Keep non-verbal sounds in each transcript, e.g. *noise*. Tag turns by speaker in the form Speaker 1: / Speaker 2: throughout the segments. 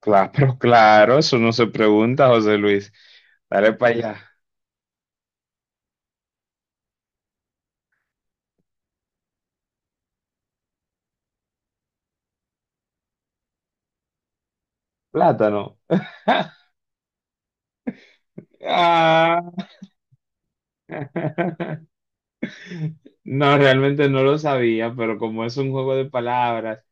Speaker 1: Claro, *laughs* claro, eso no se pregunta, José Luis. Dale para allá. Plátano. *laughs* Ah. No, realmente no lo sabía, pero como es un juego de palabras,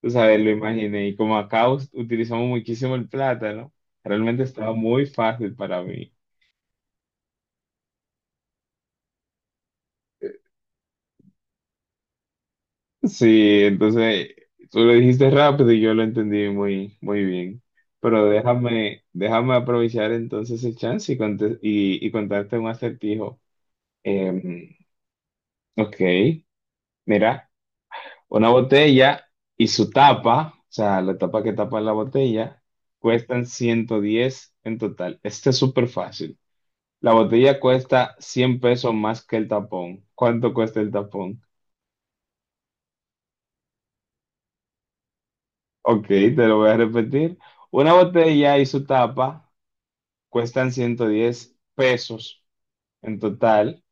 Speaker 1: tú sabes, lo imaginé. Y como acá utilizamos muchísimo el plátano, realmente estaba muy fácil para mí. Sí, entonces tú lo dijiste rápido y yo lo entendí muy, muy bien. Pero déjame aprovechar entonces el chance y contarte un acertijo. Em, Ok, mira, una botella y su tapa, o sea, la tapa que tapa la botella, cuestan 110 en total. Este es súper fácil. La botella cuesta 100 pesos más que el tapón. ¿Cuánto cuesta el tapón? Ok, te lo voy a repetir. Una botella y su tapa cuestan 110 pesos en total.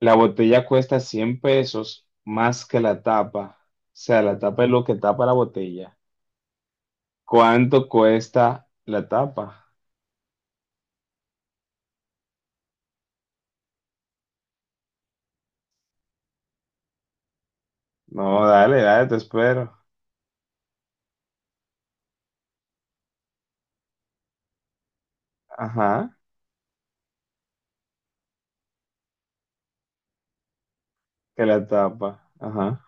Speaker 1: La botella cuesta 100 pesos más que la tapa. O sea, la tapa es lo que tapa la botella. ¿Cuánto cuesta la tapa? No, dale, dale, te espero. Ajá, que la tapa. Ajá.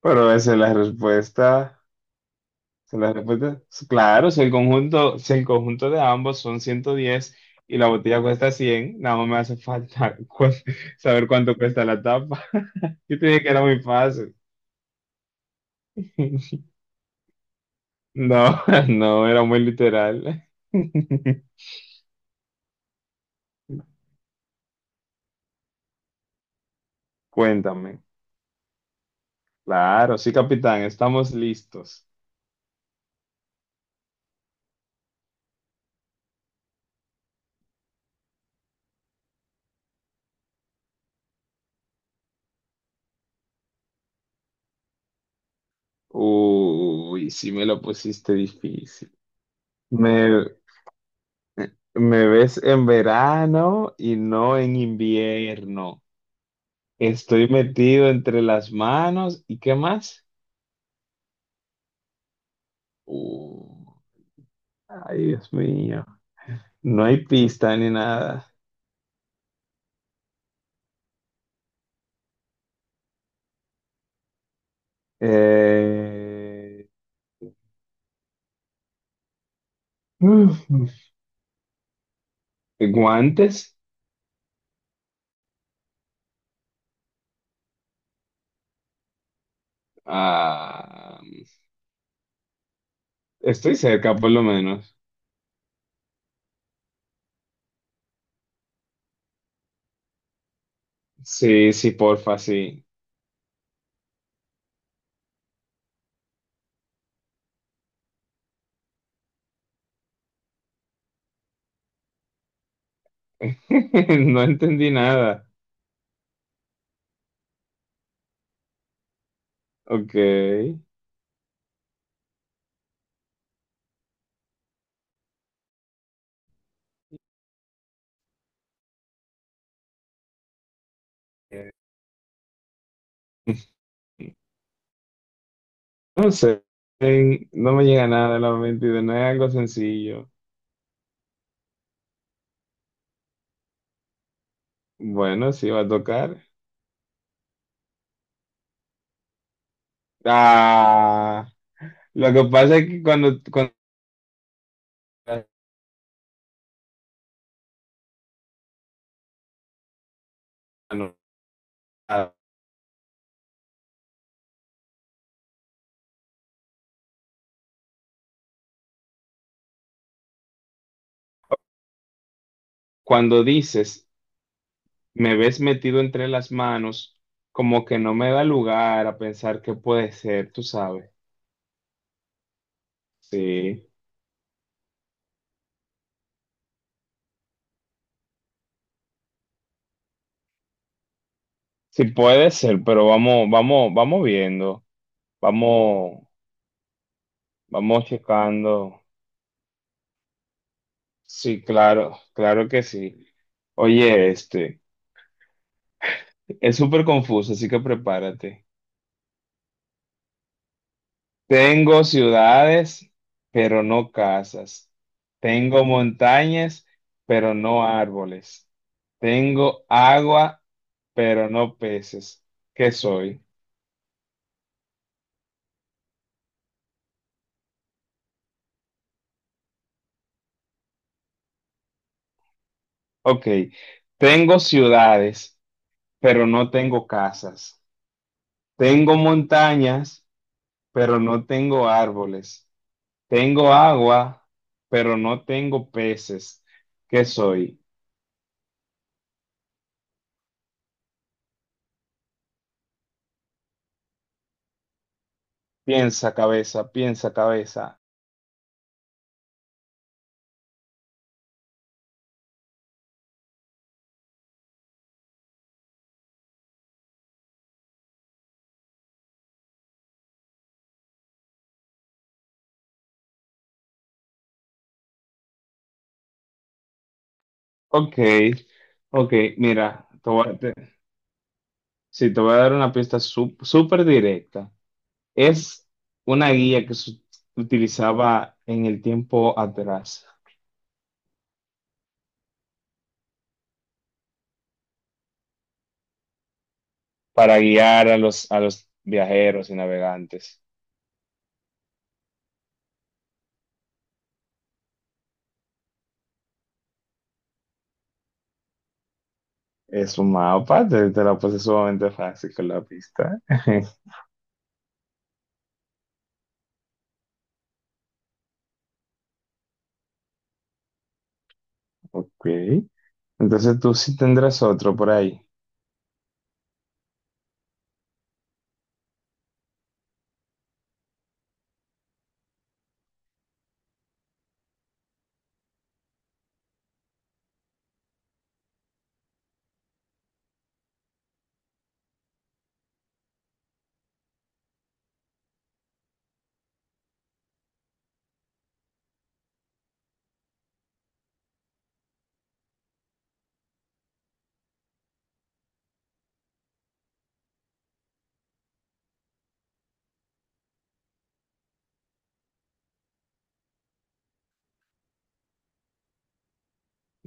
Speaker 1: Pero esa es la respuesta. Esa es la respuesta. Claro, si el conjunto de ambos son 110 y la botella cuesta 100, nada más me hace falta *laughs* saber cuánto cuesta la tapa. *laughs* Yo te dije que era muy fácil. *laughs* No, no, era muy literal. *laughs* Cuéntame. Claro, sí, capitán, estamos listos. Uy, sí me lo pusiste difícil. Me, me ves en verano y no en invierno. Estoy metido entre las manos y ¿qué más? Uh, ay, Dios mío. No hay pista ni nada. Eh, *laughs* uf, ¿guantes? Ah, estoy cerca, por lo menos. Sí, sí, porfa, sí. *laughs* No entendí nada. Ok. No sé, no me llega nada de la mente y de no es algo sencillo. Bueno, sí va a tocar. Ah, lo que pasa es que cuando dices, me ves metido entre las manos, como que no me da lugar a pensar qué puede ser, tú sabes. Sí, sí puede ser, pero vamos, vamos, vamos viendo, vamos, vamos checando. Sí, claro, claro que sí. Oye, este. Es súper confuso, así que prepárate. Tengo ciudades, pero no casas. Tengo montañas, pero no árboles. Tengo agua, pero no peces. ¿Qué soy? Ok. Tengo ciudades, pero no tengo casas. Tengo montañas, pero no tengo árboles. Tengo agua, pero no tengo peces. ¿Qué soy? Piensa cabeza, piensa cabeza. Ok, ok, mira, te voy a- te- sí, te voy a dar una pista súper directa. Es una guía que se utilizaba en el tiempo atrás para guiar a los viajeros y navegantes. Es un mapa, te la puse sumamente fácil con la pista. *laughs* Ok, entonces tú sí tendrás otro por ahí.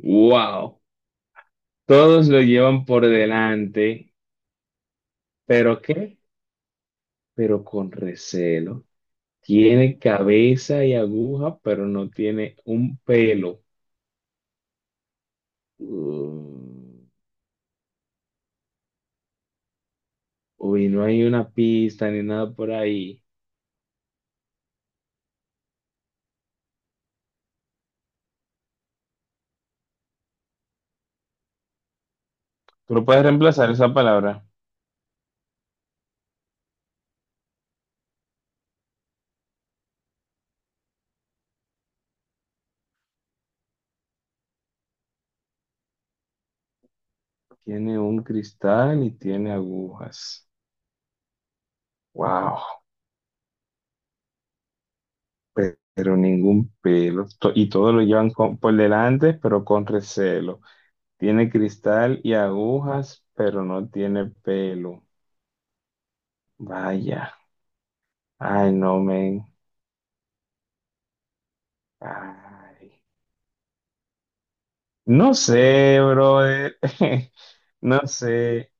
Speaker 1: Wow, todos lo llevan por delante, pero ¿qué? Pero con recelo. Tiene cabeza y aguja, pero no tiene un pelo. Uh, uy, no hay una pista ni nada por ahí. Tú no puedes reemplazar esa palabra. Tiene un cristal y tiene agujas. Wow, pero ningún pelo. Y todo lo llevan por delante, pero con recelo. Tiene cristal y agujas, pero no tiene pelo. Vaya. Ay, no, men. Ay. No sé, brother. *laughs* No sé.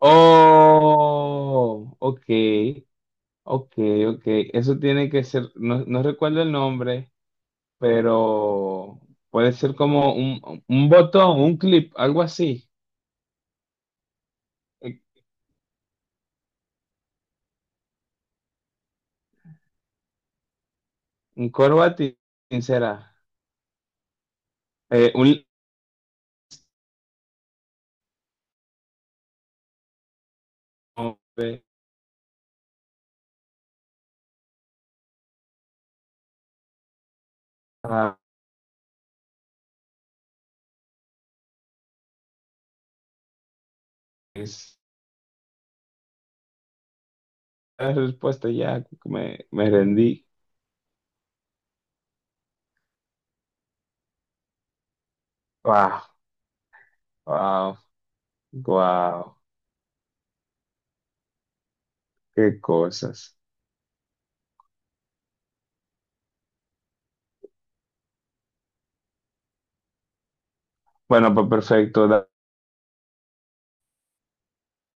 Speaker 1: Oh, ok, ok, ok. Eso tiene que ser, no, no recuerdo el nombre, pero puede ser como un botón, un clip, algo así. Eh, Un corbatín será. Un... Ah, es- la respuesta ya me rendí. Wow, wow, wow. Qué cosas. Bueno, pues perfecto.